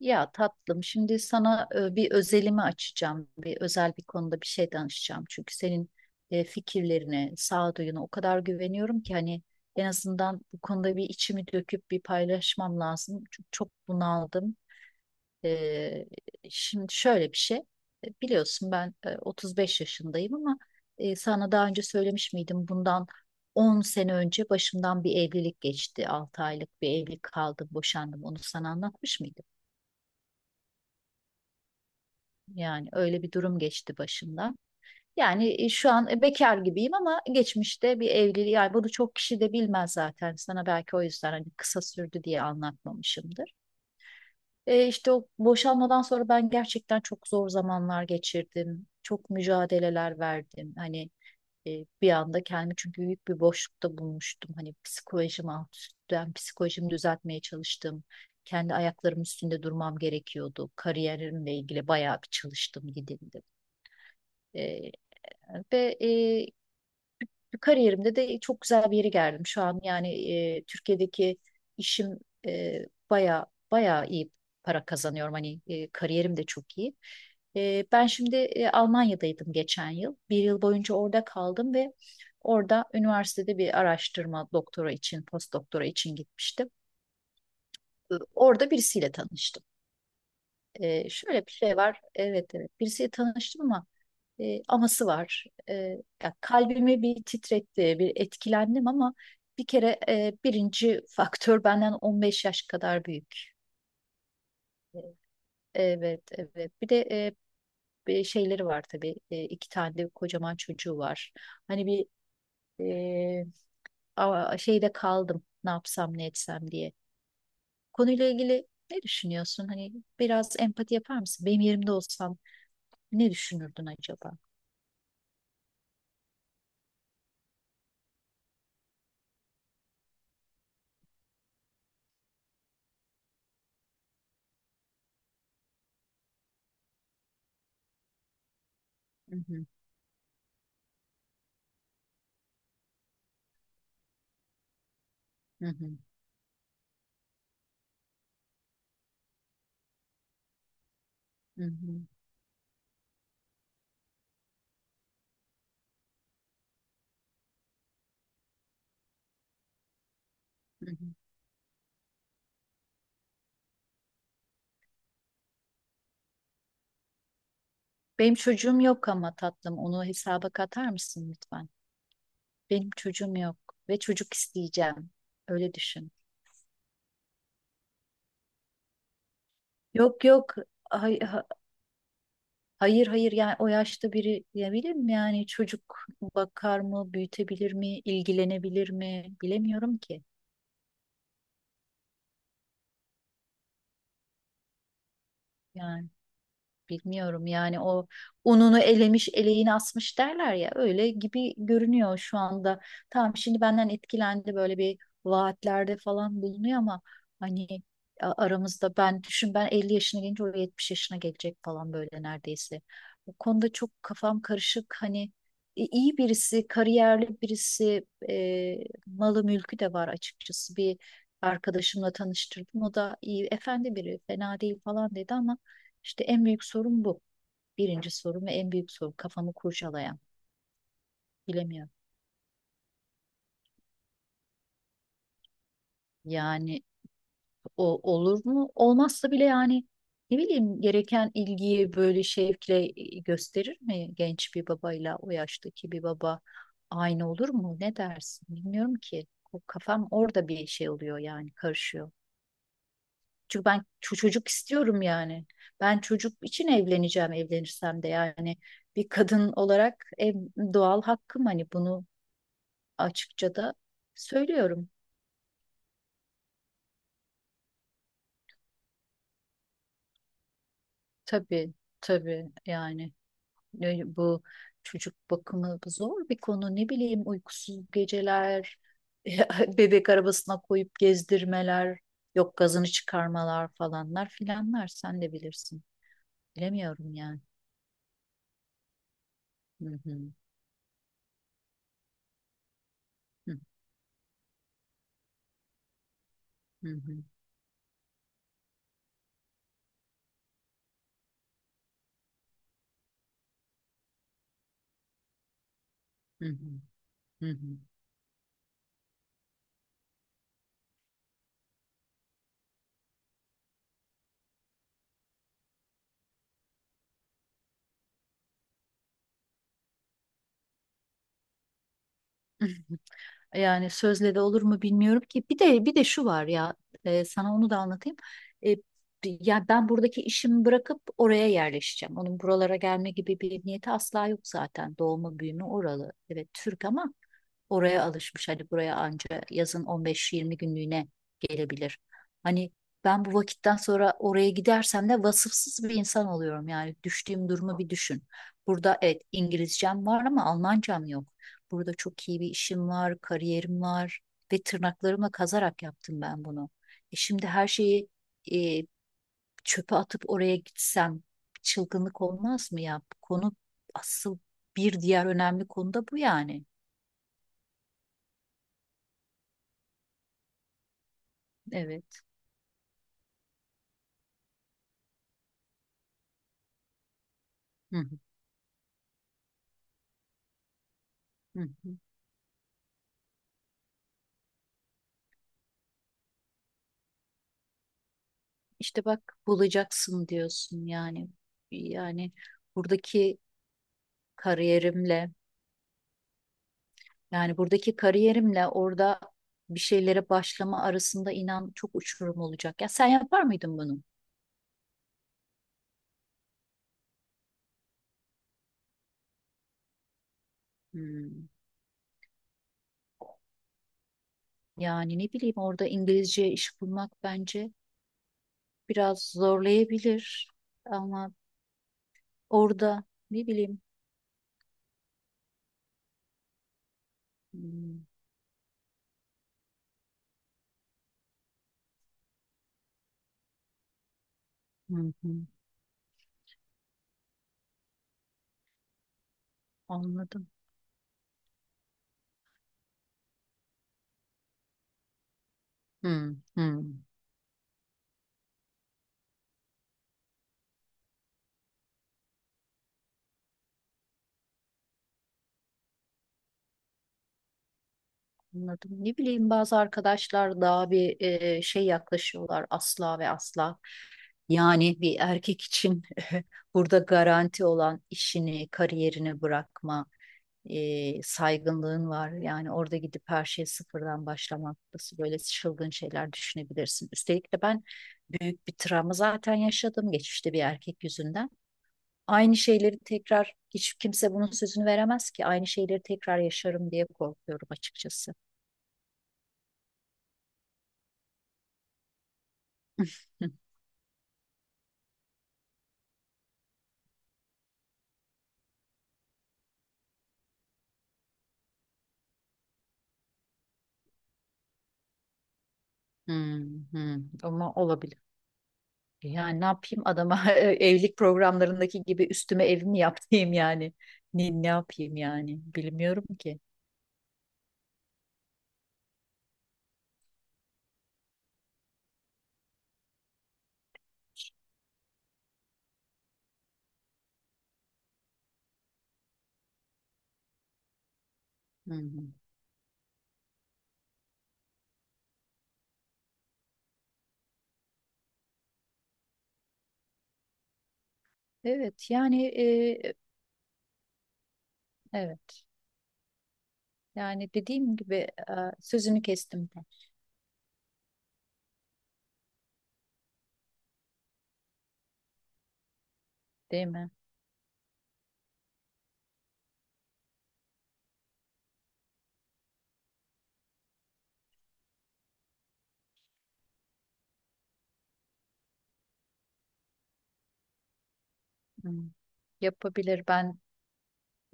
Ya tatlım, şimdi sana bir özelimi açacağım. Bir özel bir konuda bir şey danışacağım. Çünkü senin fikirlerine, sağduyuna o kadar güveniyorum ki hani en azından bu konuda bir içimi döküp bir paylaşmam lazım. Çünkü çok bunaldım. E, Şimdi şöyle bir şey. Biliyorsun ben 35 yaşındayım ama sana daha önce söylemiş miydim? Bundan 10 sene önce başımdan bir evlilik geçti. 6 aylık bir evlilik kaldım, boşandım. Onu sana anlatmış mıydım? Yani öyle bir durum geçti başımdan. Yani şu an bekar gibiyim ama geçmişte bir evliliği yani bunu çok kişi de bilmez zaten. Sana belki o yüzden hani kısa sürdü diye anlatmamışımdır. İşte o boşanmadan sonra ben gerçekten çok zor zamanlar geçirdim. Çok mücadeleler verdim. Hani bir anda kendimi çünkü büyük bir boşlukta bulmuştum. Hani psikolojim alt üst, ben psikolojimi düzeltmeye çalıştım. Kendi ayaklarımın üstünde durmam gerekiyordu. Kariyerimle ilgili bayağı bir çalıştım, gidildim. E, ve kariyerimde de çok güzel bir yere geldim. Şu an yani Türkiye'deki işim baya baya iyi para kazanıyorum. Hani kariyerim de çok iyi. Ben şimdi Almanya'daydım geçen yıl. Bir yıl boyunca orada kaldım ve orada üniversitede bir araştırma doktora için, post doktora için gitmiştim. Orada birisiyle tanıştım. Şöyle bir şey var. Evet evet, birisiyle tanıştım ama aması var. Ya, kalbimi bir titretti, bir etkilendim ama bir kere birinci faktör benden 15 yaş kadar büyük. E, Evet, evet. Bir de bir şeyleri var tabii. İki tane de kocaman çocuğu var. Hani bir e, şeyde kaldım. Ne yapsam ne etsem diye. Konuyla ilgili ne düşünüyorsun? Hani biraz empati yapar mısın? Benim yerimde olsan ne düşünürdün acaba? Hı hı, hı hı, hı hı, hı hı. Benim çocuğum yok ama tatlım onu hesaba katar mısın lütfen? Benim çocuğum yok ve çocuk isteyeceğim. Öyle düşün. Yok yok, hay- ha- hayır hayır, yani o yaşta biri diyebilir mi, yani çocuk bakar mı, büyütebilir mi, ilgilenebilir mi, bilemiyorum ki yani. Bilmiyorum, yani o ununu elemiş eleğini asmış derler ya, öyle gibi görünüyor şu anda. Tamam, şimdi benden etkilendi, böyle bir vaatlerde falan bulunuyor ama hani aramızda, ben düşün, ben 50 yaşına gelince o 70 yaşına gelecek falan, böyle neredeyse. Bu konuda çok kafam karışık, hani iyi birisi, kariyerli birisi, malı mülkü de var, açıkçası bir arkadaşımla tanıştırdım, o da iyi, efendi biri, fena değil falan dedi, ama işte en büyük sorun bu. Birinci sorun ve en büyük sorun kafamı kurcalayan. Bilemiyorum. Yani o olur mu? Olmazsa bile yani, ne bileyim, gereken ilgiyi böyle şevkle gösterir mi? Genç bir babayla o yaştaki bir baba aynı olur mu? Ne dersin? Bilmiyorum ki. O kafam orada bir şey oluyor yani, karışıyor. Çünkü ben çocuk istiyorum yani. Ben çocuk için evleneceğim, evlenirsem de yani, bir kadın olarak en doğal hakkım, hani bunu açıkça da söylüyorum. Tabii tabii, yani bu çocuk bakımı zor bir konu. Ne bileyim, uykusuz geceler, bebek arabasına koyup gezdirmeler, yok gazını çıkarmalar, falanlar filanlar, sen de bilirsin. Bilemiyorum yani. Hı hı, hı hı, hı hı, hı hı, hı hı. Yani sözle de olur mu bilmiyorum ki. Bir de şu var ya, sana onu da anlatayım. E, ya ben buradaki işimi bırakıp oraya yerleşeceğim. Onun buralara gelme gibi bir niyeti asla yok zaten. Doğma büyüme oralı. Evet, Türk ama oraya alışmış. Hani buraya anca yazın 15-20 günlüğüne gelebilir. Hani ben bu vakitten sonra oraya gidersem de vasıfsız bir insan oluyorum. Yani düştüğüm durumu bir düşün. Burada evet, İngilizcem var ama Almancam yok. Burada çok iyi bir işim var, kariyerim var ve tırnaklarıma kazarak yaptım ben bunu. Şimdi her şeyi e, çöpe atıp oraya gitsem çılgınlık olmaz mı ya? Bu konu asıl, bir diğer önemli konu da bu yani. Evet. Hı hı, hı hı. İşte bak, bulacaksın diyorsun yani. Yani buradaki kariyerimle buradaki kariyerimle orada bir şeylere başlama arasında inan çok uçurum olacak. Ya sen yapar mıydın bunu? Hmm. Yani ne bileyim, orada İngilizce iş bulmak bence biraz zorlayabilir ama orada ne bileyim. Hmm. Hı hı. Anladım. Hı hı. Anladım. Ne bileyim, bazı arkadaşlar daha bir şey yaklaşıyorlar, asla ve asla. Yani bir erkek için burada garanti olan işini, kariyerini bırakma, saygınlığın var. Yani orada gidip her şeyi sıfırdan başlamak, nasıl böyle çılgın şeyler düşünebilirsin? Üstelik de ben büyük bir travma zaten yaşadım geçmişte, bir erkek yüzünden. Aynı şeyleri tekrar, hiç kimse bunun sözünü veremez ki. Aynı şeyleri tekrar yaşarım diye korkuyorum açıkçası. Hmm, hmm. Ama olabilir. Yani ne yapayım adama evlilik programlarındaki gibi üstüme ev mi yaptırayım yani? Ne yapayım yani? Bilmiyorum ki. Hı hı. Evet, yani evet. Yani dediğim gibi, sözünü kestim ben, değil mi? Hı. Yapabilir. ben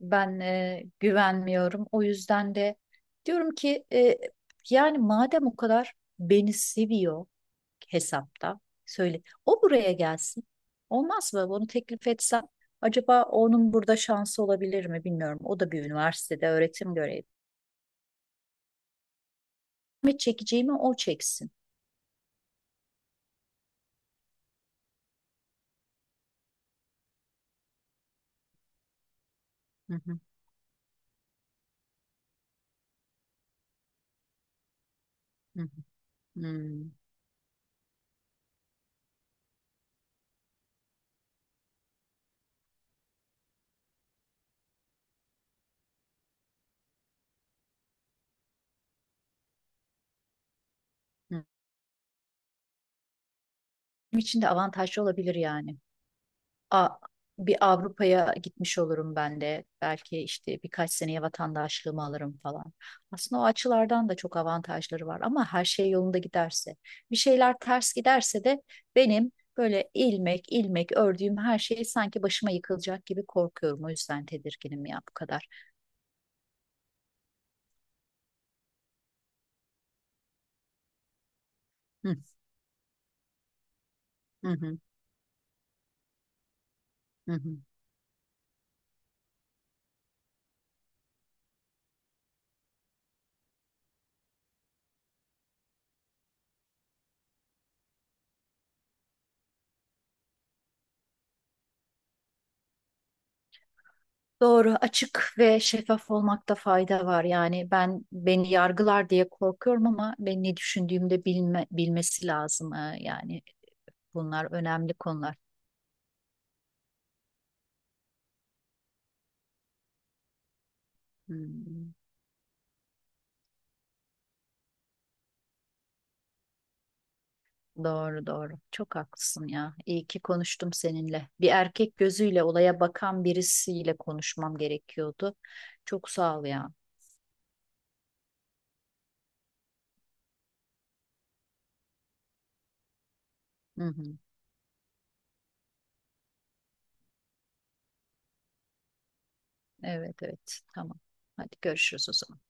ben e, güvenmiyorum. O yüzden de diyorum ki, yani madem o kadar beni seviyor hesapta. Söyle, o buraya gelsin. Olmaz mı? Bunu teklif etsem acaba onun burada şansı olabilir mi bilmiyorum. O da bir üniversitede öğretim görevi. Ve çekeceğimi o çeksin. Hı hı, hı hı, hı. Hı. Benim için de avantajlı olabilir yani. A- bir Avrupa'ya gitmiş olurum ben de. Belki işte birkaç seneye vatandaşlığımı alırım falan. Aslında o açılardan da çok avantajları var ama her şey yolunda giderse. Bir şeyler ters giderse de benim böyle ilmek ilmek ördüğüm her şey sanki başıma yıkılacak gibi korkuyorum. O yüzden tedirginim ya bu kadar. Hı, hı, hı, hı. Hı. Doğru, açık ve şeffaf olmakta fayda var. Yani ben, beni yargılar diye korkuyorum ama ben ne düşündüğümde bilmesi lazım. Yani, bunlar önemli konular. Hmm. Doğru doğru. Çok haklısın ya. İyi ki konuştum seninle. Bir erkek gözüyle olaya bakan birisiyle konuşmam gerekiyordu. Çok sağ ol ya. Hı hı. Evet, evet. Tamam. Hadi görüşürüz o zaman.